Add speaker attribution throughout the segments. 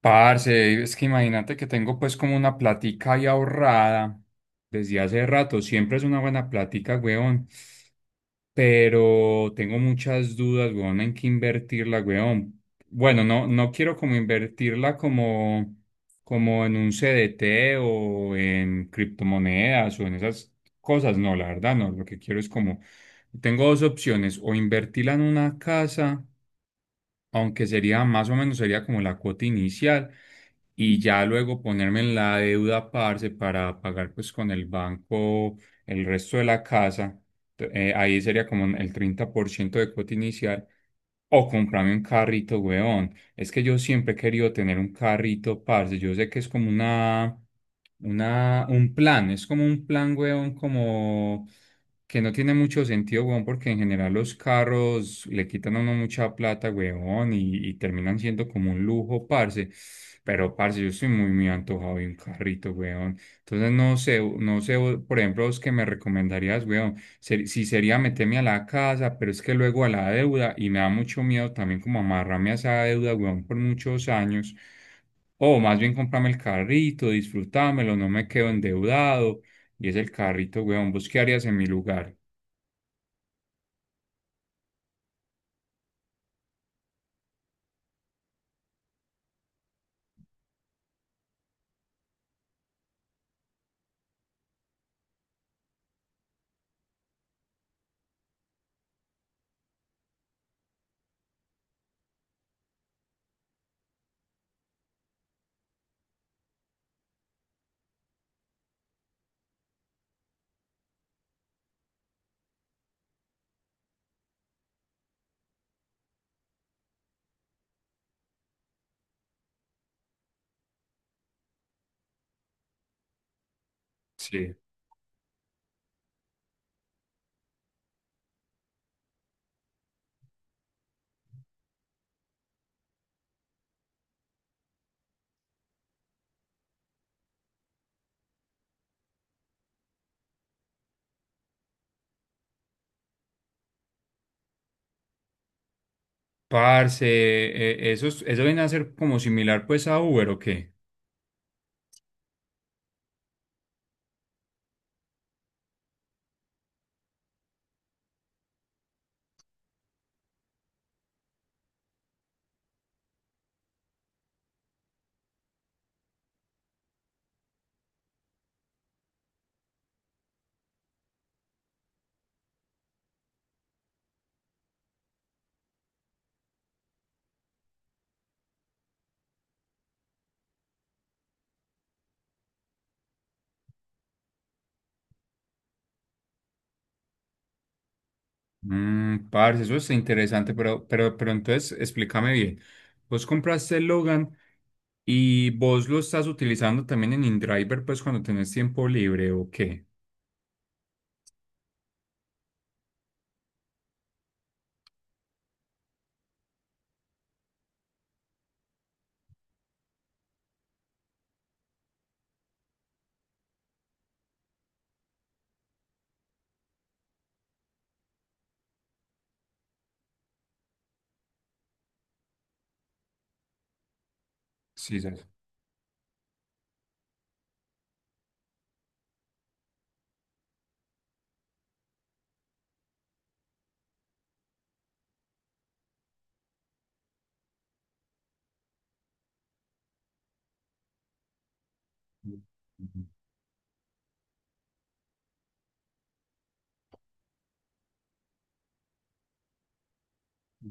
Speaker 1: Parce, es que imagínate que tengo, pues, como una platica ahí ahorrada desde hace rato. Siempre es una buena platica, weón. Pero tengo muchas dudas, weón, en qué invertirla, weón. Bueno, no quiero como invertirla como, en un CDT o en criptomonedas o en esas cosas. No, la verdad, no. Lo que quiero es como, tengo dos opciones, o invertirla en una casa, aunque sería más o menos, sería como la cuota inicial, y ya luego ponerme en la deuda, parce, para pagar pues con el banco el resto de la casa. Ahí sería como el 30% de cuota inicial. O comprarme un carrito, weón. Es que yo siempre he querido tener un carrito, parce. Yo sé que es como un plan. Es como un plan, weón, como que no tiene mucho sentido, weón, porque en general los carros le quitan a uno mucha plata, weón, y terminan siendo como un lujo, parce. Pero, parce, yo estoy muy, muy antojado de un carrito, weón. Entonces, no sé, no sé, por ejemplo, vos, que me recomendarías, weón? ¿Si sería meterme a la casa? Pero es que luego a la deuda, y me da mucho miedo también como amarrarme a esa deuda, weón, por muchos años. O más bien comprarme el carrito, disfrutármelo, no me quedo endeudado. Y es el carrito, weón. ¿Vos qué harías en mi lugar? Sí. Parce, eso, eso viene a ser como similar, pues, a Uber, ¿o qué? Mm, parce, eso es interesante, pero, pero entonces explícame bien. Vos compraste el Logan y vos lo estás utilizando también en InDriver, pues, ¿cuando tenés tiempo libre o qué? Sí, sabes.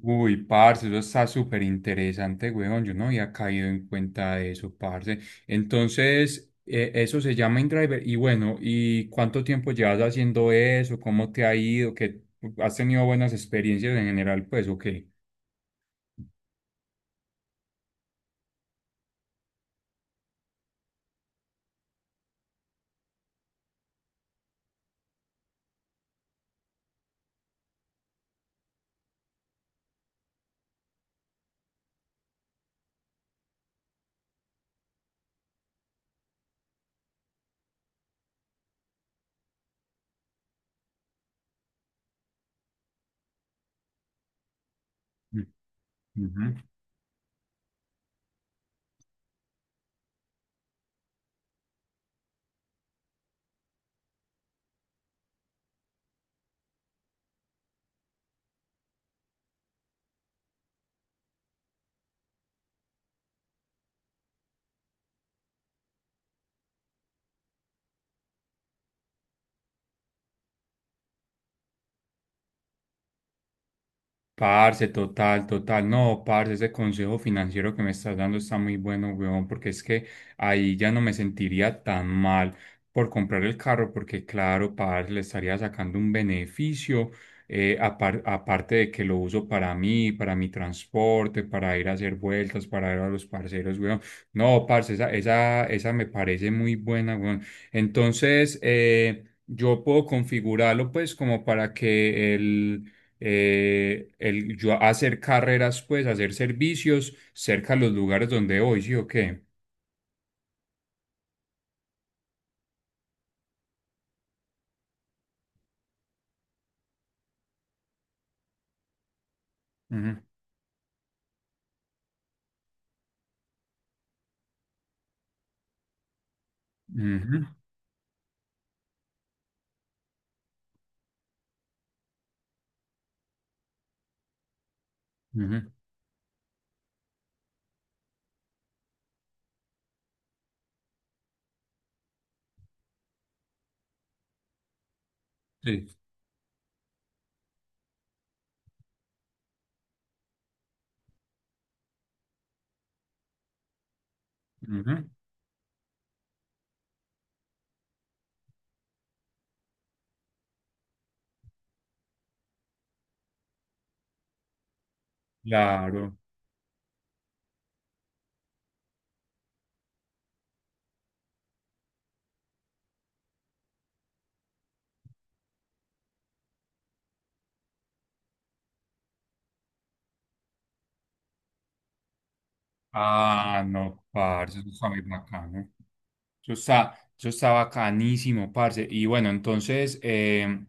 Speaker 1: Uy, parce, eso está súper interesante, weón. Yo no había caído en cuenta de eso, parce. Entonces, eso se llama InDriver. Y bueno, ¿y cuánto tiempo llevas haciendo eso? ¿Cómo te ha ido? ¿Qué, has tenido buenas experiencias en general, pues, o qué? Mm. Ujú. Parce, total, total. No, parce, ese consejo financiero que me estás dando está muy bueno, weón, porque es que ahí ya no me sentiría tan mal por comprar el carro, porque claro, parce, le estaría sacando un beneficio, aparte de que lo uso para mí, para mi transporte, para ir a hacer vueltas, para ir a los parceros, weón. No, parce, esa me parece muy buena, weón. Entonces, yo puedo configurarlo, pues, como para que yo hacer carreras, pues, hacer servicios cerca de los lugares donde voy, ¿sí o qué? Ujú, ujú, ujú, sí, ujú, claro. Ah, no, parce, eso está muy bacano. Eso está bacanísimo, parce. Y bueno, entonces,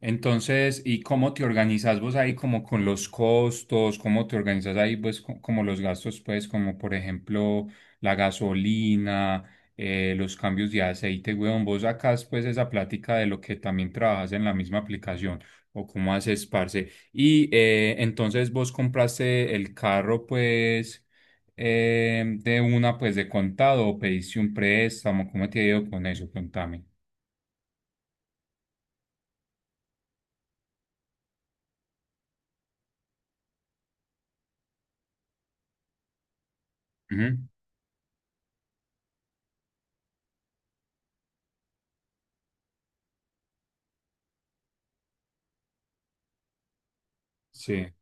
Speaker 1: entonces, ¿y cómo te organizas vos ahí como con los costos? ¿Cómo te organizas ahí, pues, como los gastos, pues, como por ejemplo la gasolina, los cambios de aceite, weón? ¿Vos sacás pues esa plática de lo que también trabajas en la misma aplicación, o cómo haces, parce? Y entonces vos compraste el carro, pues, de una, pues, de contado, ¿o pediste un préstamo? ¿Cómo te ha ido con eso? Contame. Ujú. Sí.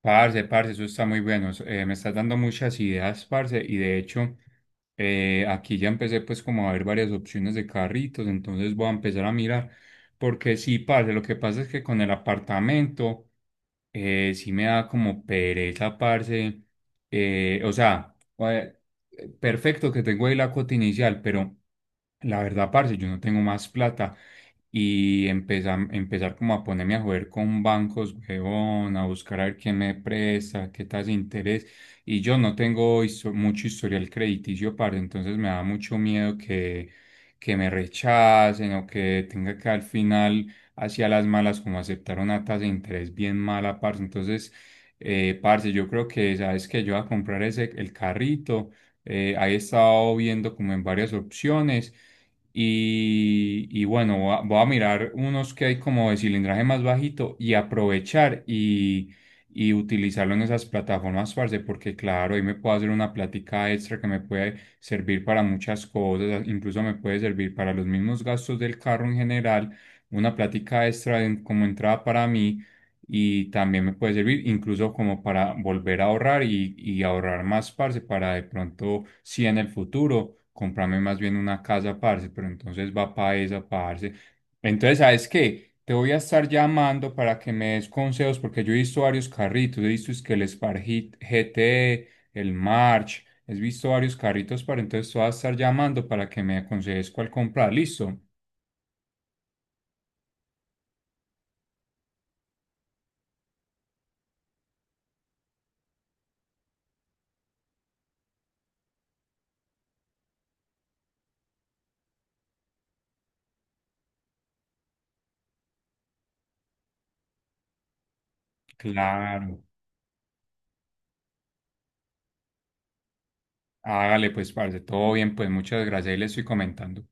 Speaker 1: Parce, eso está muy bueno. Eso, me estás dando muchas ideas, parce, y de hecho, aquí ya empecé, pues, como a ver varias opciones de carritos, entonces voy a empezar a mirar, porque sí, parce, lo que pasa es que con el apartamento, sí me da como pereza, parce, o sea, perfecto que tengo ahí la cuota inicial, pero... La verdad, parce, yo no tengo más plata y empezar, como a ponerme a joder con bancos, huevón, a buscar a ver quién me presta, qué tasa de interés. Y yo no tengo mucho historial crediticio, parce, entonces me da mucho miedo que me rechacen, o que tenga que al final, hacia las malas, como aceptar una tasa de interés bien mala, parce. Entonces, parce, yo creo que, ¿sabes que Yo voy a comprar ese, el carrito. Ahí he estado viendo como en varias opciones y, bueno, voy a mirar unos que hay como de cilindraje más bajito y aprovechar y utilizarlo en esas plataformas, parce, porque claro, ahí me puedo hacer una plática extra que me puede servir para muchas cosas, incluso me puede servir para los mismos gastos del carro en general, una plática extra como entrada para mí, y también me puede servir incluso como para volver a ahorrar y ahorrar más, parce, para, de pronto, si en el futuro, comprarme más bien una casa, parce, pero entonces va para esa, parce. Entonces, ¿sabes qué? Te voy a estar llamando para que me des consejos, porque yo he visto varios carritos, he visto es que el Spark GT, el March, he visto varios carritos, para entonces te voy a estar llamando para que me aconsejes cuál comprar, ¿listo? Claro. Hágale pues, parce, todo bien, pues muchas gracias y le estoy comentando.